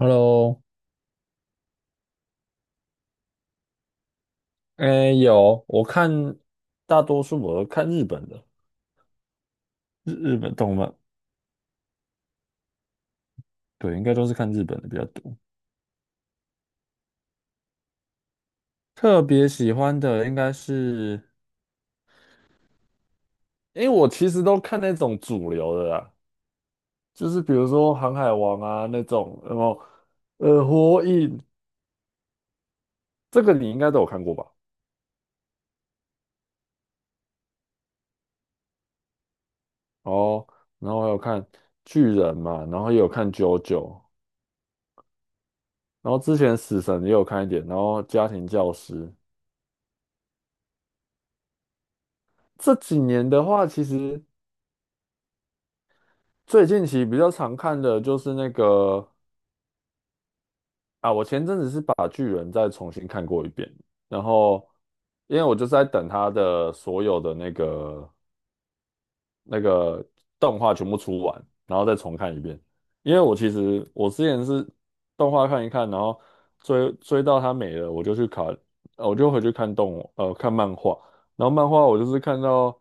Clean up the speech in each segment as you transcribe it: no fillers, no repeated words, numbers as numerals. Hello，哎，有，我看大多数我都看日本的，日本动漫，对，应该都是看日本的比较多。特别喜欢的应该是，因为我其实都看那种主流的啦，就是比如说《航海王》啊那种，然后《火影》这个你应该都有看过吧？哦，然后还有看《巨人》嘛，然后也有看《JoJo》，然后之前《死神》也有看一点，然后《家庭教师》。这几年的话，其实。最近期比较常看的就是那个啊，我前阵子是把人再重新看过一遍，然后因为我就是在等他的所有的那个动画全部出完，然后再重看一遍。因为我其实我之前是动画看一看，然后追到它没了，我就去看，我就回去看看漫画，然后漫画我就是看到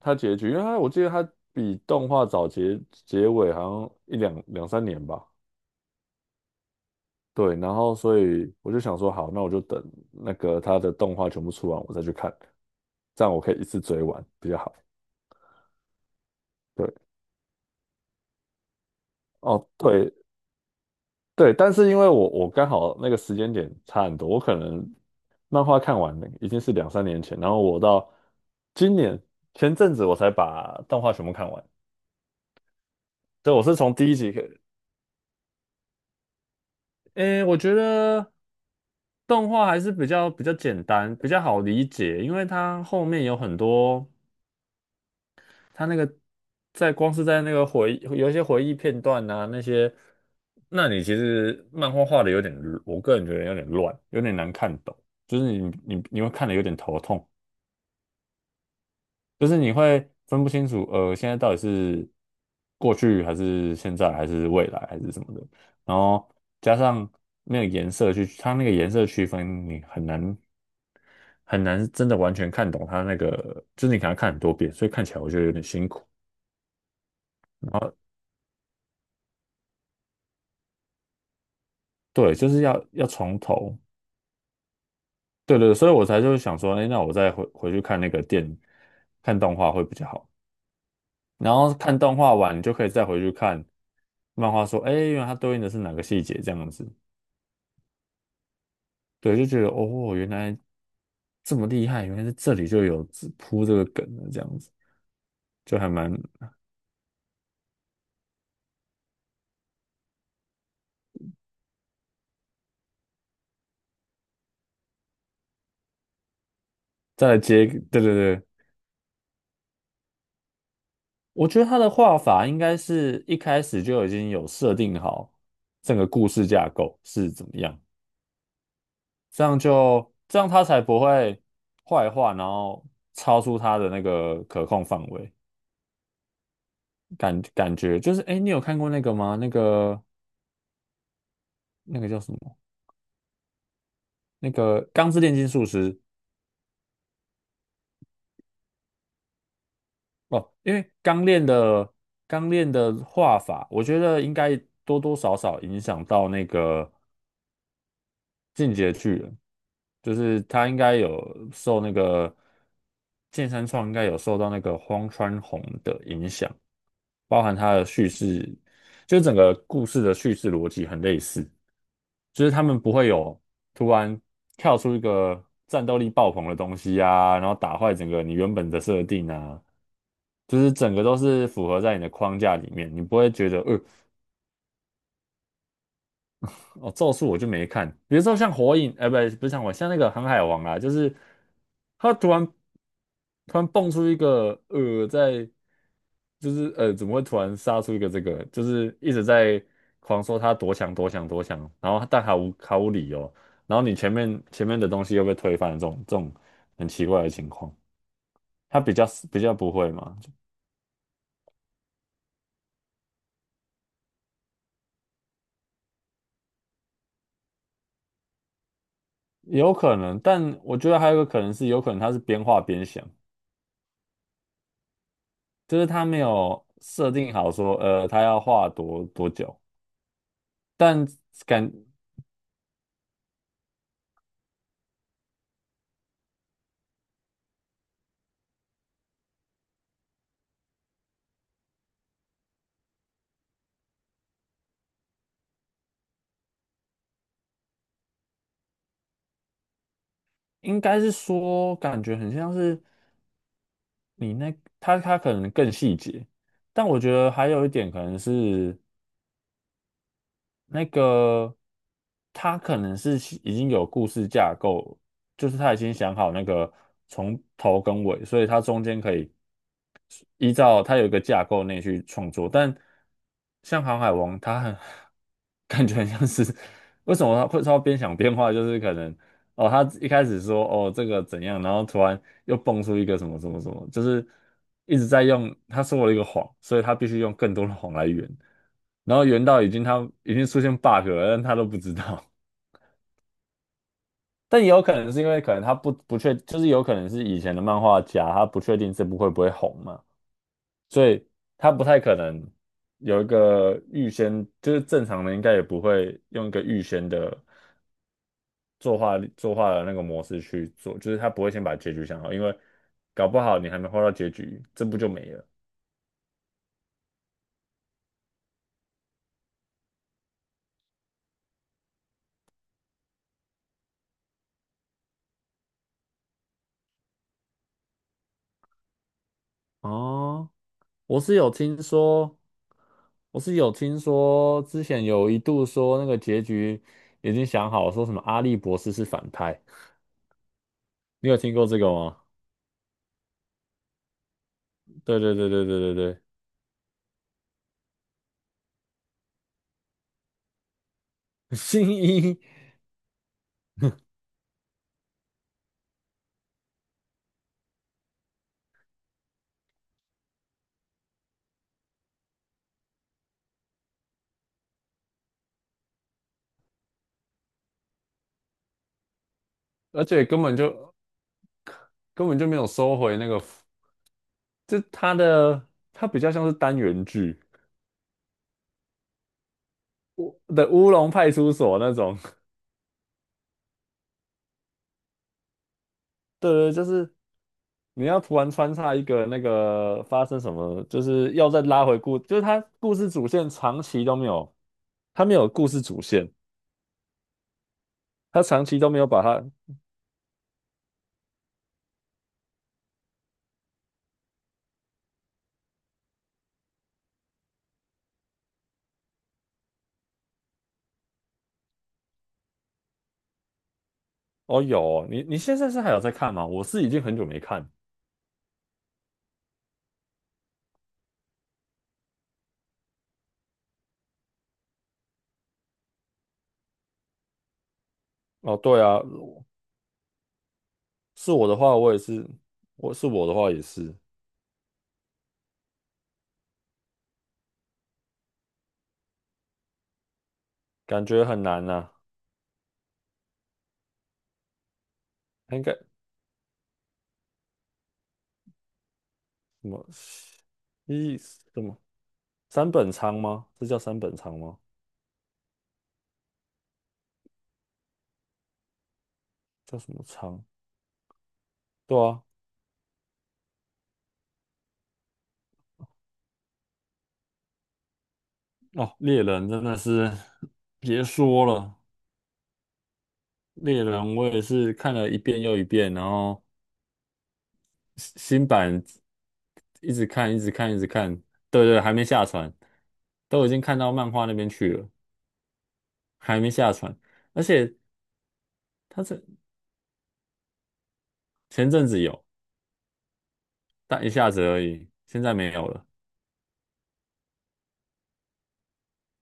它结局，因为它我记得它比动画早结结尾好像两三年吧。对，然后所以我就想说，好，那我就等那个它的动画全部出完，我再去看，这样我可以一次追完比较好。对，哦，对对，但是因为我刚好那个时间点差很多，我可能漫画看完了已经是两三年前，然后我到今年前阵子我才把动画全部看完。对，我是从第一集开，诶，我觉得动画还是比较简单，比较好理解，因为它后面有很多。他那个在光是在那个回忆，有一些回忆片段啊，那些，那你其实漫画画的有点，我个人觉得有点乱，有点难看懂，就是你会看的有点头痛，就是你会分不清楚，现在到底是过去还是现在还是未来还是什么的，然后加上那个颜色去，它那个颜色区分你很难。很难真的完全看懂它那个，就是你可能要看很多遍，所以看起来我觉得有点辛苦。然后。对，就是要从头，对对，对所以我才就是想说，哎，那我再回去看那个电，看动画会比较好。然后看动画完，你就可以再回去看漫画，说，哎，原来它对应的是哪个细节这样子。对，就觉得哦，原来这么厉害，原来是这里就有这个梗的这样子，就还蛮再来接，对对对，我觉得他的画法应该是一开始就已经有设定好整个故事架构是怎么样。这样它才不会坏话，然后超出它的那个可控范围。感觉就是，哎，你有看过那个吗？那个那个叫什么？那个《钢之炼金术师》哦，因为钢炼的画法，我觉得应该多多少少影响到那个进阶巨人，就是他应该有受那个剑山创应该有受到那个荒川弘的影响。包含它的叙事，就是整个故事的叙事逻辑很类似，就是他们不会有突然跳出一个战斗力爆棚的东西啊，然后打坏整个你原本的设定啊，就是整个都是符合在你的框架里面，你不会觉得，哦，咒术我就没看，比如说像火影，哎、不，不是像火影像那个航海王啊，就是他突然蹦出一个，在就是，怎么会突然杀出一个这个？就是一直在狂说他多强，然后但毫无理由，然后你前面的东西又被推翻的这种很奇怪的情况，他比较不会嘛，有可能，但我觉得还有一个可能是，有可能他是边画边想。就是他没有设定好说，他要画多久，但感应该是说，感觉很像是你那他可能更细节，但我觉得还有一点可能是，那个他可能是其已经有故事架构，就是他已经想好那个从头跟尾，所以他中间可以依照他有一个架构内去创作。但像《航海王》，他很 感觉很像是 为什么他会边想边画，就是可能哦，他一开始说哦这个怎样，然后突然又蹦出一个什么什么什么，就是一直在用，他说了一个谎，所以他必须用更多的谎来圆，然后圆到已经他已经出现 bug 了，但他都不知道。但也有可能是因为可能他不确，就是有可能是以前的漫画家，他不确定这部会不会红嘛，所以他不太可能有一个预先，就是正常的应该也不会用一个预先的。作画的那个模式去做，就是他不会先把结局想好，因为搞不好你还没画到结局，这不就没了。哦，我是有听说，我是有听说，之前有一度说那个结局已经想好，说什么阿笠博士是反派，你有听过这个吗？对对对对对对对，新一，而且根本就没有收回那个，就他的他比较像是单元剧的《乌龙派出所》那种。对对，就是你要突然穿插一个那个发生什么，就是要再拉回故，就是他故事主线长期都没有，他没有故事主线，他长期都没有把它。哦，有哦你你现在是还有在看吗？我是已经很久没看。哦，对啊，我是我的话，我也是，我是我的话也是，感觉很难呐、应该什么一什么三本仓吗？这叫三本仓吗？叫什么仓？对啊，哦，猎人真的是别说了，猎人我也是看了一遍又一遍，然后新版一直看，一直看，一直看，对对，还没下船，都已经看到漫画那边去了，还没下船，而且他是前阵子有，但一下子而已，现在没有了，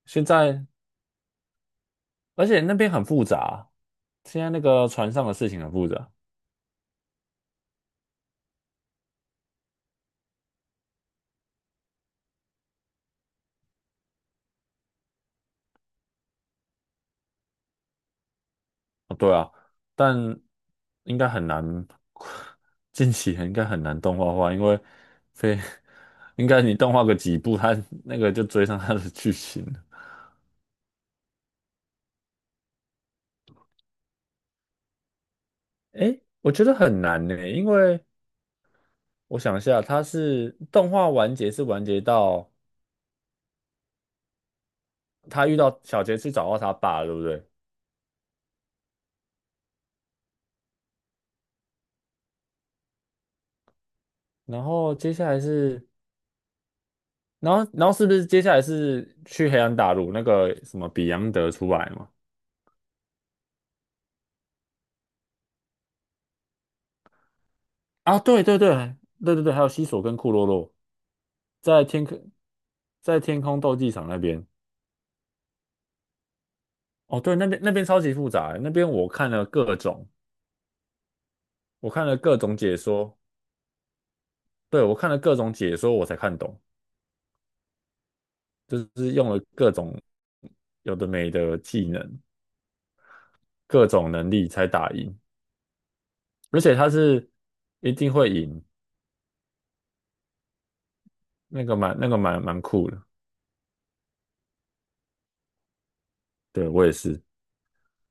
现在而且那边很复杂啊，现在那个船上的事情很复杂。哦对啊，但应该很难，近期应该很难动画化，因为非 应该你动画个几部，他那个就追上他的剧情了。诶，我觉得很难呢，因为我想一下，他是动画完结是完结到他遇到小杰去找到他爸，对不对？然后接下来是，然后是不是接下来是去黑暗大陆那个什么比昂德出来嘛？啊，对对对，还有西索跟库洛洛。在天空在天空斗技场那边。哦，对，那边超级复杂欸，那边我看了各种，我看了各种解说，对，我看了各种解说，我才看懂，就是用了各种有的没的技能，各种能力才打赢，而且他是一定会赢，那个蛮酷的，对，我也是。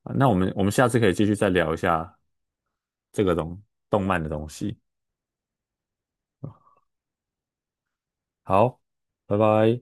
啊那我们下次可以继续再聊一下这个东动漫的东西。好，拜拜。